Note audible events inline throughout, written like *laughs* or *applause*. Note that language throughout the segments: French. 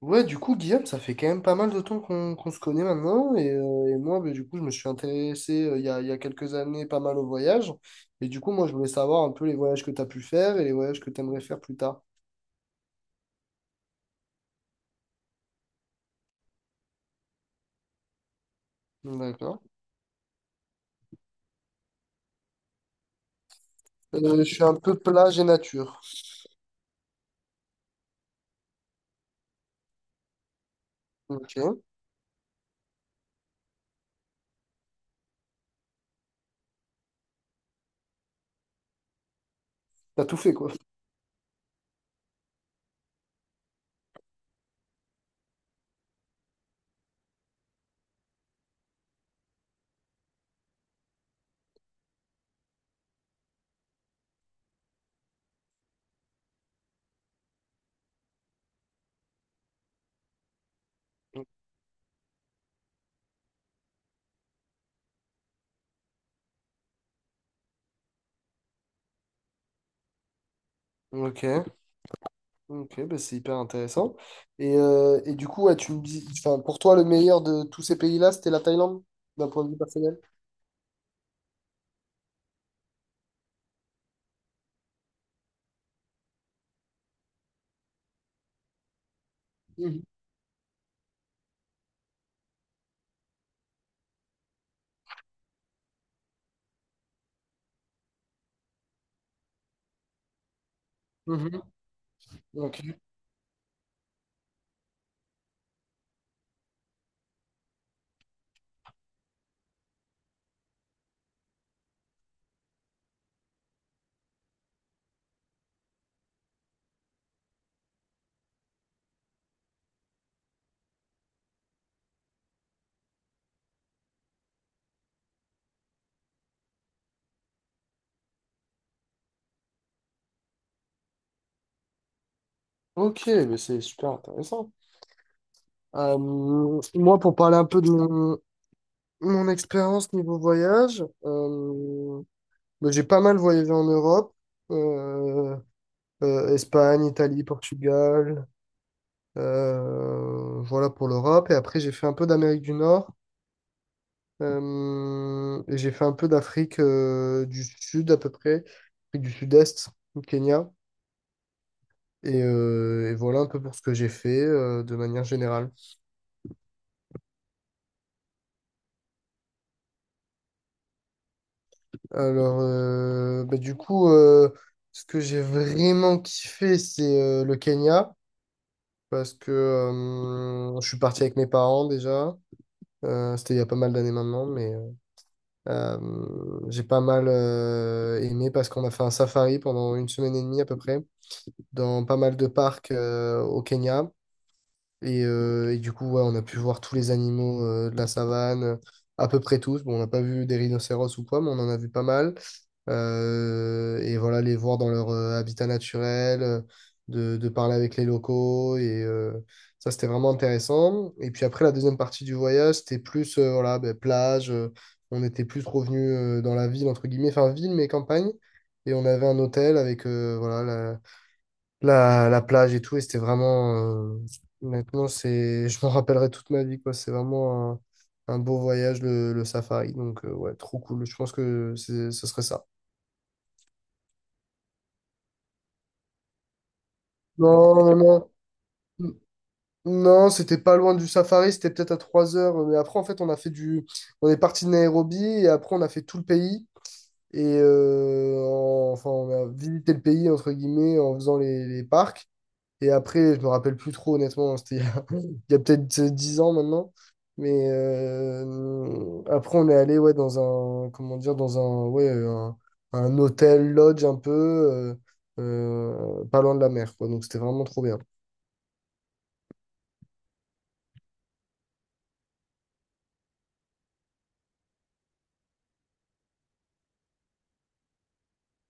Ouais, du coup, Guillaume, ça fait quand même pas mal de temps qu'on se connaît maintenant. Et moi, bah, du coup, je me suis intéressé il y a quelques années pas mal au voyage. Et du coup, moi, je voulais savoir un peu les voyages que tu as pu faire et les voyages que tu aimerais faire plus tard. D'accord. Je suis un peu plage et nature. Ok. T'as tout fait, quoi. Ok. Ok, bah, c'est hyper intéressant. Et du coup, ouais, tu me dis, enfin, pour toi, le meilleur de tous ces pays-là, c'était la Thaïlande, d'un point de vue personnel? Mhm. Mhm. Ok. Ok, mais c'est super intéressant. Euh, Moi, pour parler un peu de mon expérience niveau voyage, bah, j'ai pas mal voyagé en Europe, euh, Espagne, Italie, Portugal, voilà pour l'Europe. Et après, j'ai fait un peu d'Amérique du Nord, et j'ai fait un peu d'Afrique du Sud à peu près, Afrique du Sud-Est, du Kenya. Et voilà un peu pour ce que j'ai fait de manière générale. Alors, bah, du coup, ce que j'ai vraiment kiffé, c'est le Kenya, parce que je suis parti avec mes parents déjà. C'était il y a pas mal d'années maintenant, mais j'ai pas mal aimé parce qu'on a fait un safari pendant une semaine et demie à peu près, dans pas mal de parcs au Kenya. Et du coup, ouais, on a pu voir tous les animaux de la savane, à peu près tous. Bon, on n'a pas vu des rhinocéros ou quoi, mais on en a vu pas mal. Et voilà, les voir dans leur habitat naturel, de parler avec les locaux. Ça, c'était vraiment intéressant. Et puis après, la deuxième partie du voyage, c'était plus voilà, ben, plage. On était plus revenu dans la ville, entre guillemets, enfin ville, mais campagne. Et on avait un hôtel avec voilà, la plage et tout, et c'était vraiment, honnêtement, c'est, je m'en rappellerai toute ma vie, quoi. C'est vraiment un beau voyage, le safari. Donc, ouais, trop cool. Je pense que ce serait ça. Non, non, non. Non, c'était pas loin du safari, c'était peut-être à 3 heures. Mais après, en fait, on a fait du. On est parti de Nairobi et après, on a fait tout le pays. Enfin, on a visité le pays, entre guillemets, en faisant les parcs. Et après, je me rappelle plus trop, honnêtement, hein. C'était il y a, *laughs* il y a peut-être 10 ans maintenant. Après, on est allé ouais, dans un, comment dire, dans un, ouais, un hôtel, lodge un peu, pas loin de la mer, quoi. Donc, c'était vraiment trop bien.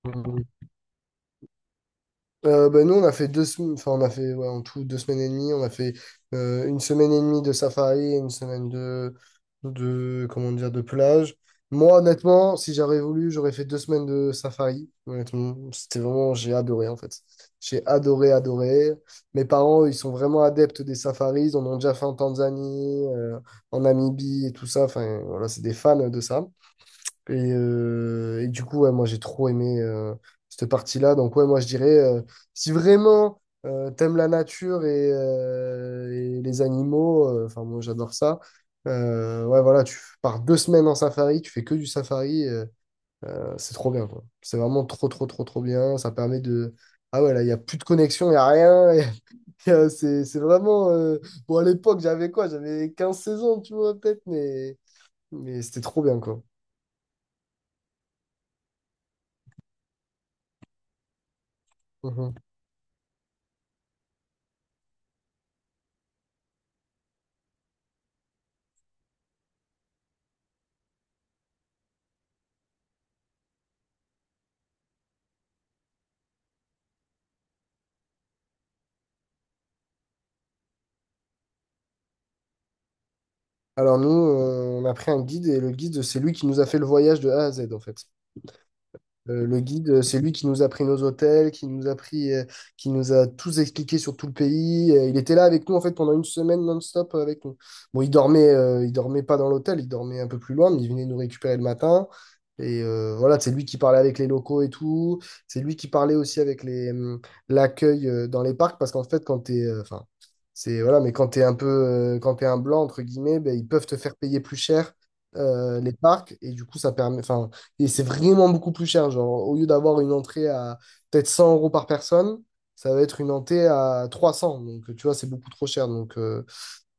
Mhm. Ben nous, on a fait 2 semaines, enfin, on a fait ouais, en tout 2 semaines et demie. On a fait 1 semaine et demie de safari et 1 semaine comment dire, de plage. Moi, honnêtement, si j'avais voulu, j'aurais fait 2 semaines de safari. Honnêtement, c'était vraiment, j'ai adoré en fait. J'ai adoré, adoré. Mes parents, eux, ils sont vraiment adeptes des safaris. Ils en ont déjà fait en Tanzanie, en Namibie et tout ça. Enfin, voilà, c'est des fans de ça. Et du coup, ouais, moi, j'ai trop aimé cette partie-là. Donc, ouais, moi, je dirais, si vraiment t'aimes la nature et les animaux, enfin, moi, j'adore ça. Ouais, voilà, tu pars 2 semaines en safari, tu fais que du safari. C'est trop bien, quoi. C'est vraiment trop, trop, trop, trop bien. Ça permet de... Ah ouais, là, il n'y a plus de connexion, il n'y a rien. *laughs* C'est vraiment. Bon, à l'époque, j'avais quoi? J'avais 15 16 ans, tu vois, peut-être, mais c'était trop bien, quoi. Alors nous, on a pris un guide et le guide, c'est lui qui nous a fait le voyage de A à Z en fait. Le guide, c'est lui qui nous a pris nos hôtels, qui nous a pris, qui nous a tous expliqué sur tout le pays. Il était là avec nous en fait pendant 1 semaine non-stop avec nous. Bon, il dormait pas dans l'hôtel, il dormait un peu plus loin, mais il venait nous récupérer le matin. Voilà, c'est lui qui parlait avec les locaux et tout. C'est lui qui parlait aussi avec l'accueil dans les parcs parce qu'en fait, quand t'es, enfin, c'est voilà, mais quand t'es un blanc entre guillemets, ben, ils peuvent te faire payer plus cher les parcs et du coup, ça permet, enfin. Et c'est vraiment beaucoup plus cher. Genre, au lieu d'avoir une entrée à peut-être 100 euros par personne, ça va être une entrée à 300. Donc, tu vois, c'est beaucoup trop cher donc, euh,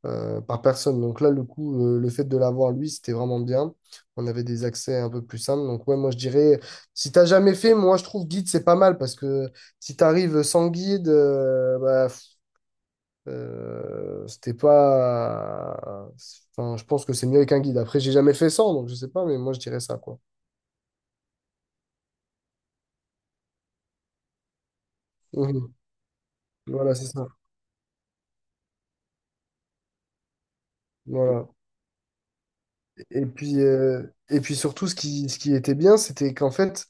euh, par personne. Donc là, le coup, le fait de l'avoir, lui, c'était vraiment bien. On avait des accès un peu plus simples. Donc, ouais, moi, je dirais, si t'as jamais fait, moi, je trouve guide, c'est pas mal parce que si t'arrives sans guide, bah, pff, c'était pas. Enfin, je pense que c'est mieux avec un guide. Après, j'ai jamais fait sans, donc je sais pas, mais moi, je dirais ça, quoi. *laughs* Mhm. Voilà, c'est ça. Voilà. Et puis, euh, et puis surtout, ce qui était bien, c'était qu'en fait,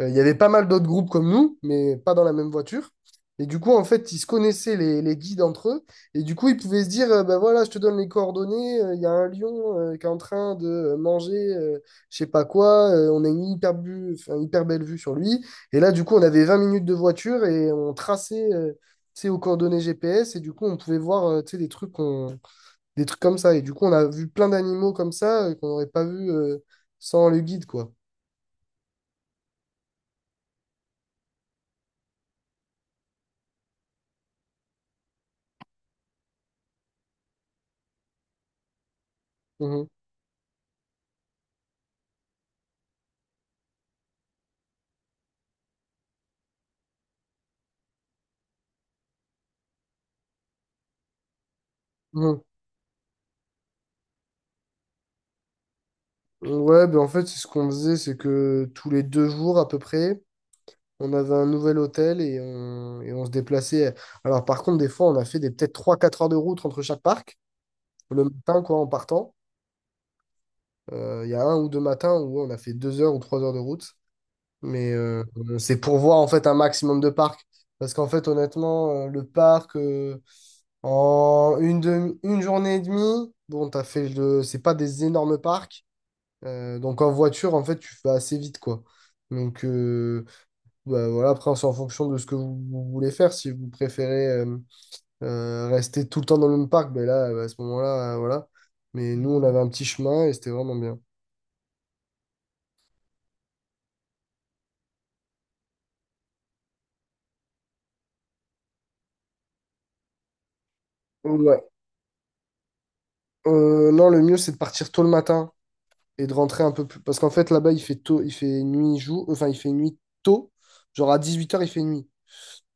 il y avait pas mal d'autres groupes comme nous, mais pas dans la même voiture. Et du coup, en fait, ils se connaissaient les guides entre eux. Et du coup, ils pouvaient se dire, ben voilà, je te donne les coordonnées, il y a un lion qui est en train de manger, je sais pas quoi, on a une enfin, hyper belle vue sur lui. Et là, du coup, on avait 20 minutes de voiture et on traçait, tu sais, aux coordonnées GPS. Et du coup, on pouvait voir, tu sais, des trucs comme ça. Et du coup, on a vu plein d'animaux comme ça qu'on n'aurait pas vu sans le guide, quoi. Mhm. Mhm. Ouais, ben en fait, c'est ce qu'on faisait, c'est que tous les 2 jours à peu près, on avait un nouvel hôtel et on se déplaçait. Alors par contre, des fois, on a fait des peut-être 3 4 heures de route entre chaque parc, le matin, quoi, en partant. Il y a 1 ou 2 matins où ouais, on a fait 2 heures ou 3 heures de route. Mais euh, c'est pour voir en fait un maximum de parcs. Parce qu'en fait, honnêtement, le parc, en 1 journée et demie, bon, t'as fait le... C'est pas des énormes parcs. Donc en voiture, en fait, tu fais assez vite, quoi. Donc euh, Bah, voilà, après, c'est en fonction de ce que vous, vous voulez faire. Si vous préférez rester tout le temps dans le même parc, ben là, à ce moment-là, voilà. Mais nous, on avait un petit chemin et c'était vraiment bien. Ouais. Non, le mieux, c'est de partir tôt le matin et de rentrer un peu plus. Parce qu'en fait, là-bas, il fait tôt, il fait nuit, jour, enfin, il fait nuit tôt. Genre à 18 h, il fait nuit.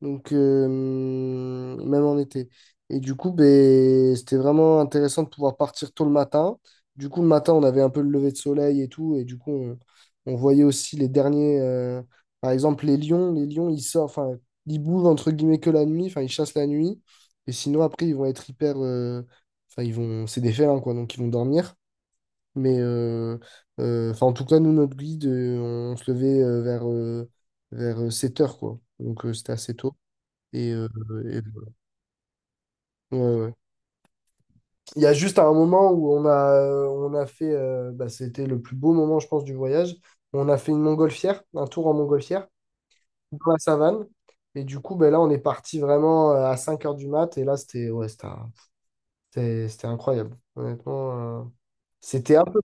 Donc, même en été. Et du coup, ben, c'était vraiment intéressant de pouvoir partir tôt le matin. Du coup, le matin, on, avait un peu le lever de soleil et tout. Et du coup, on voyait aussi les derniers. Par exemple, les lions. Les lions, ils sortent. Enfin, ils bougent entre guillemets que la nuit. Enfin, ils chassent la nuit. Et sinon, après, ils vont être hyper. Enfin, ils vont. C'est des félins, quoi. Donc, ils vont dormir. Mais, enfin, en tout cas, nous, notre guide, on se levait vers 7 heures, quoi. Donc, c'était assez tôt. Et, euh, et- voilà. Ouais, ouais. Il y a juste un moment où on a fait, bah, c'était le plus beau moment, je pense, du voyage. On a fait une montgolfière, un tour en montgolfière, dans la savane. Et du coup, ben là, on est parti vraiment à 5 heures du mat. Et là, c'était ouais, c'était incroyable. Honnêtement, c'était un peu.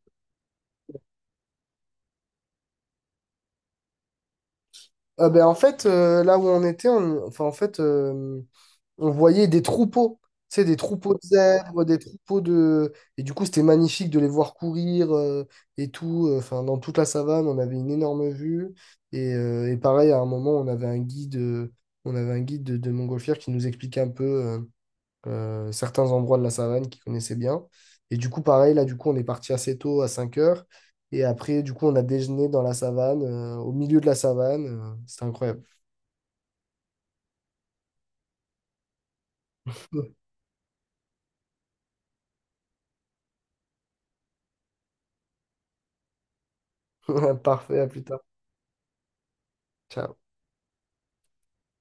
Ah, ben, en fait, là où on était, enfin, en fait, on voyait des troupeaux, tu sais, des troupeaux de zèbres, des troupeaux de... Et du coup, c'était magnifique de les voir courir et tout. Enfin, dans toute la savane, on avait une énorme vue. Et pareil, à un moment, on avait un guide de, montgolfière qui nous expliquait un peu certains endroits de la savane qu'il connaissait bien. Et du coup, pareil, là, du coup, on est parti assez tôt, à 5 heures. Et après, du coup, on a déjeuné dans la savane, au milieu de la savane. C'était incroyable. *laughs* Parfait, à plus tard. Ciao.